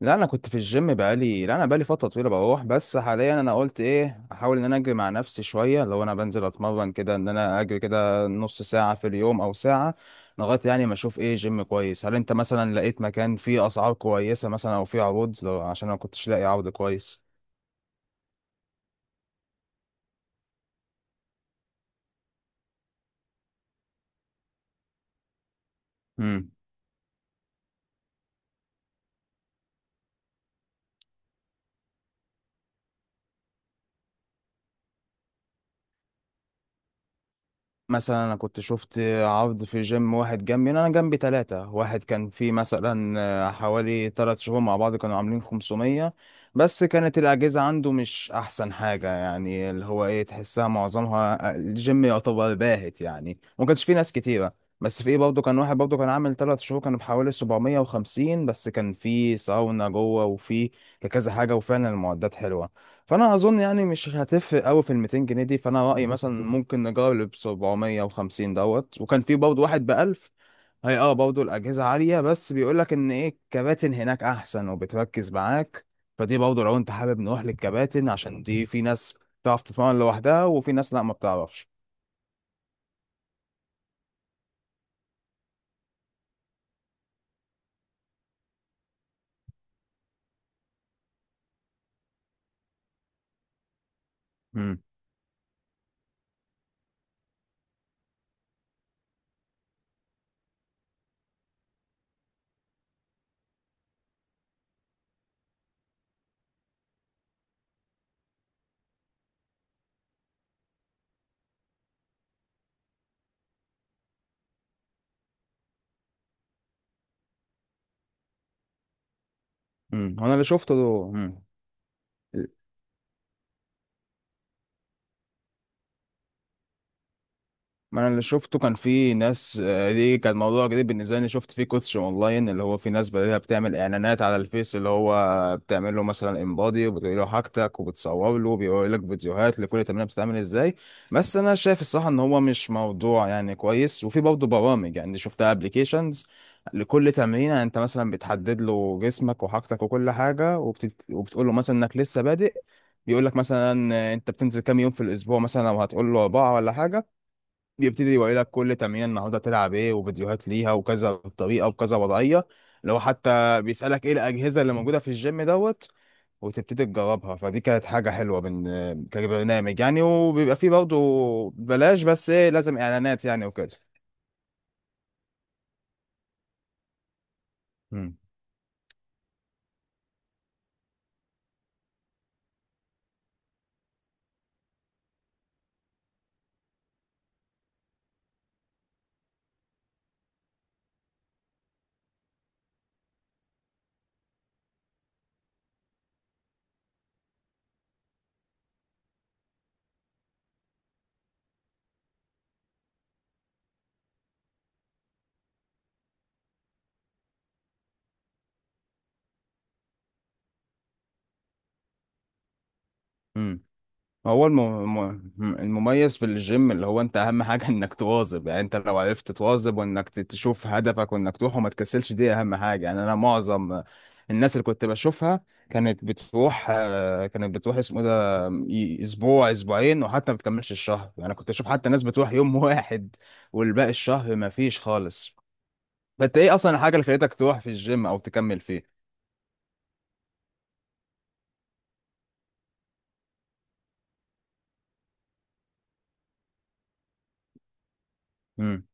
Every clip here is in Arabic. لا، انا كنت في الجيم بقالي لا انا بقالي فتره طويله بروح. بس حاليا انا قلت ايه، احاول ان انا اجري مع نفسي شويه. لو انا بنزل اتمرن كده، ان انا اجري كده نص ساعه في اليوم او ساعه، لغايه يعني ما اشوف ايه جيم كويس. هل انت مثلا لقيت مكان فيه اسعار كويسه مثلا، او فيه عروض؟ لو عشان انا ما كنتش لاقي عرض كويس. امم. مثلا انا كنت شفت عرض في جيم واحد جنبي. انا جنبي ثلاثة. واحد كان فيه مثلا حوالي ثلاث شهور مع بعض كانوا عاملين 500. بس كانت الاجهزة عنده مش احسن حاجة، يعني اللي هو ايه، تحسها معظمها الجيم يعتبر باهت، يعني ما كانش فيه ناس كتيرة. بس في ايه برضه، كان واحد برضه كان عامل ثلاث شهور كان بحوالي 750، بس كان فيه ساونا جوه وفيه كذا حاجة، وفعلا المعدات حلوة. فانا اظن يعني مش هتفرق قوي في ال 200 جنيه دي. فانا رايي مثلا ممكن نجرب 750 دوت. وكان في برضه واحد ب 1000. هي برضه الاجهزه عاليه، بس بيقول لك ان ايه، الكباتن هناك احسن وبتركز معاك. فدي برضه لو انت حابب نروح للكباتن، عشان دي في ناس بتعرف تتمرن لوحدها، وفي ناس لا، ما بتعرفش. امم. امم. انا اللي شفته ده. ما انا اللي شفته كان في ناس، دي كان موضوع جديد بالنسبه لي. شفت فيه كوتش اونلاين، اللي هو في ناس بدأت بتعمل اعلانات على الفيس. اللي هو بتعمل له مثلا انبادي وبتقول له حاجتك وبتصور له، وبيقول لك فيديوهات لكل تمرينه بتتعمل ازاي. بس انا شايف الصراحه ان هو مش موضوع يعني كويس. وفي برضه برامج، يعني شفتها، ابلكيشنز لكل تمرين. يعني انت مثلا بتحدد له جسمك وحاجتك وكل حاجه، وبتقول له مثلا انك لسه بادئ. بيقول لك مثلا انت بتنزل كام يوم في الاسبوع مثلا. لو هتقول له اربعه ولا حاجه، يبتدي يوري لك كل تمرين النهارده تلعب ايه، وفيديوهات ليها وكذا طريقه وكذا وضعيه. لو حتى بيسالك ايه الاجهزه اللي موجوده في الجيم دوت، وتبتدي تجربها. فدي كانت حاجه حلوه، من كبرنامج يعني، وبيبقى فيه برضه بلاش، بس ايه لازم اعلانات يعني وكده. امم هو المميز في الجيم، اللي هو انت اهم حاجة انك تواظب. يعني انت لو عرفت تواظب وانك تشوف هدفك وانك تروح وما تكسلش، دي اهم حاجة. يعني انا معظم الناس اللي كنت بشوفها كانت بتروح اسمه ده، اسبوع اسبوعين، وحتى ما بتكملش الشهر. يعني كنت اشوف حتى ناس بتروح يوم واحد، والباقي الشهر ما فيش خالص. فانت ايه اصلا الحاجة اللي خليتك تروح في الجيم او تكمل فيه؟ امم.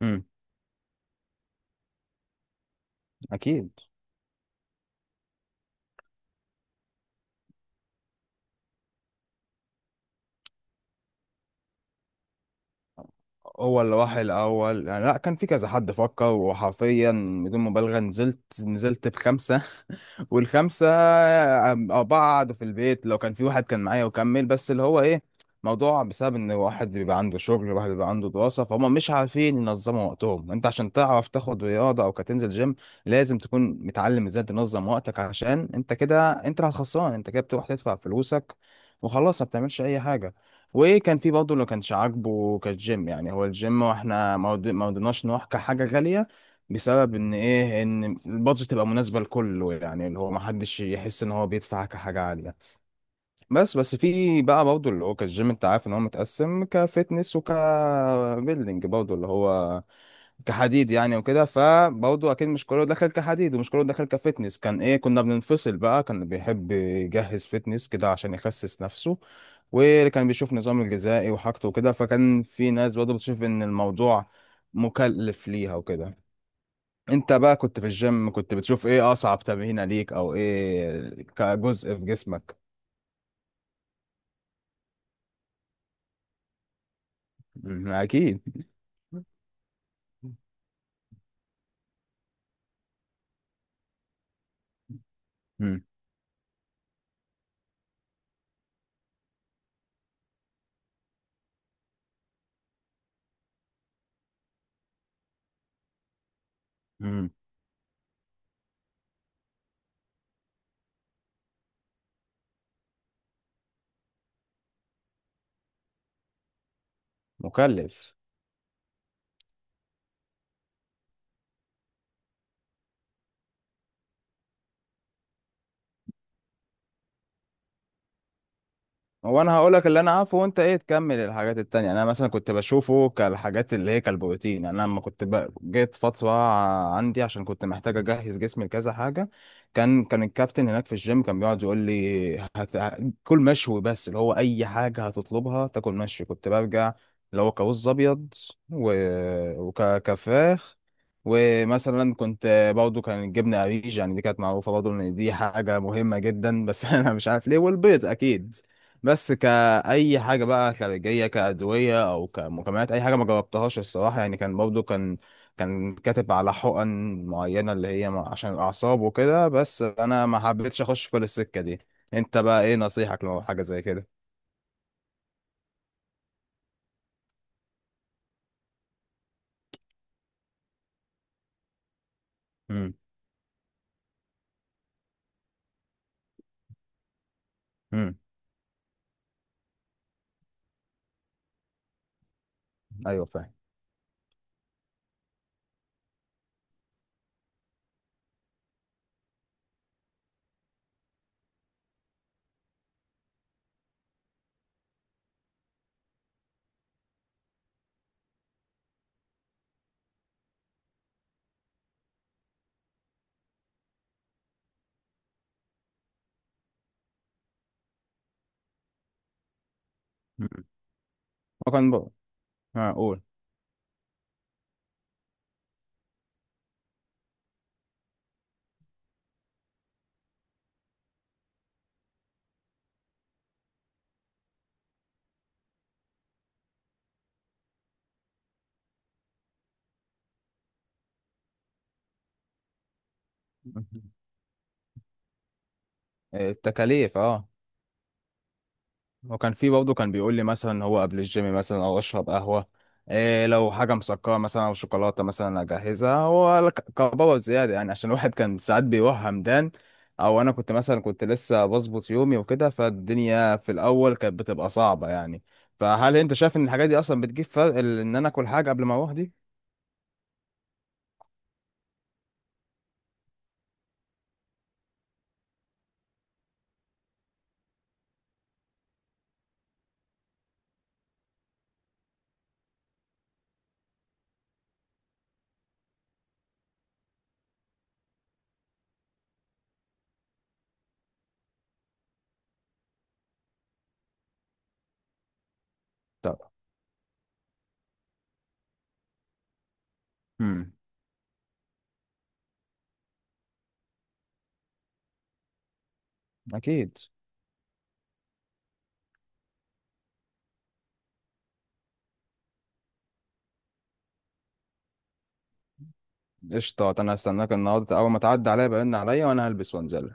امم. اكيد. هو اللي راح الاول يعني، لا كان في كذا حد فكر. وحرفيا بدون مبالغه نزلت بخمسه. والخمسة بعض في البيت. لو كان في واحد كان معايا وكمل، بس اللي هو ايه، موضوع بسبب ان واحد بيبقى عنده شغل، واحد بيبقى عنده دراسة، فهم مش عارفين ينظموا وقتهم. انت عشان تعرف تاخد رياضة او كتنزل جيم لازم تكون متعلم ازاي تنظم وقتك. عشان انت كده، انت اللي الخسران. انت كده بتروح تدفع فلوسك وخلاص، ما بتعملش اي حاجة. وكان في برضه اللي ما كانش عاجبه كالجيم، يعني هو الجيم، واحنا ما رضيناش نروح كحاجة غالية. بسبب ان ايه، ان البادجت تبقى مناسبه لكله، يعني اللي هو ما حدش يحس ان هو بيدفع كحاجه عاليه. بس في بقى برضه اللي هو كالجيم، انت عارف ان هو متقسم كفتنس وكبيلدينج، برضه اللي هو كحديد يعني وكده. فبرضه اكيد مش كله دخل كحديد ومش كله دخل كفتنس. كان ايه، كنا بننفصل بقى. كان بيحب يجهز فتنس كده عشان يخسس نفسه. واللي كان بيشوف نظام الغذائي وحاجته وكده، فكان في ناس برضه بتشوف ان الموضوع مكلف ليها وكده. انت بقى كنت في الجيم، كنت بتشوف ايه اصعب تمرينه ليك، او ايه كجزء في جسمك؟ مم، اكيد. مم. مم. مكلف. هو انا هقول لك اللي انا عارفه، وانت ايه تكمل الحاجات التانية. يعني انا مثلا كنت بشوفه كالحاجات اللي هي كالبروتين. يعني انا لما كنت جيت فترة عندي، عشان كنت محتاج اجهز جسمي لكذا حاجة. كان الكابتن هناك في الجيم كان بيقعد يقول لي كل مشوي. بس اللي هو اي حاجة هتطلبها تاكل مشوي كنت برجع، اللي هو كرز ابيض، و... وكفراخ. ومثلا كنت برضه، كان الجبنة قريش يعني دي كانت معروفة برضه ان دي حاجة مهمة جدا، بس انا مش عارف ليه. والبيض اكيد. بس كأي حاجة بقى خارجية، كأدوية أو كمكملات، أي حاجة ما جربتهاش الصراحة. يعني كان برضو كان كاتب على حقن معينة، اللي هي عشان الأعصاب وكده، بس أنا ما حبيتش أخش في كل السكة دي. أنت بقى إيه نصيحتك لو حاجة زي كده؟ امم. امم. أيوه، فاهم. مم. وكان بقى هقول. التكاليف، أه. وكان في برضه كان بيقول لي مثلا هو قبل الجيم مثلا، او اشرب قهوه. إيه لو حاجه مسكره مثلا او شوكولاته مثلا، اجهزها. هو كبابه زياده يعني، عشان الواحد كان ساعات بيروح همدان. او انا كنت مثلا، كنت لسه بظبط يومي وكده، فالدنيا في الاول كانت بتبقى صعبه يعني. فهل انت شايف ان الحاجات دي اصلا بتجيب فرق، ان انا اكل حاجه قبل ما اروح دي؟ طب. امم. اكيد. قشطه، انا هستناك النهارده اول ما تعدي عليا بقى، عليا وانا هلبس وانزل.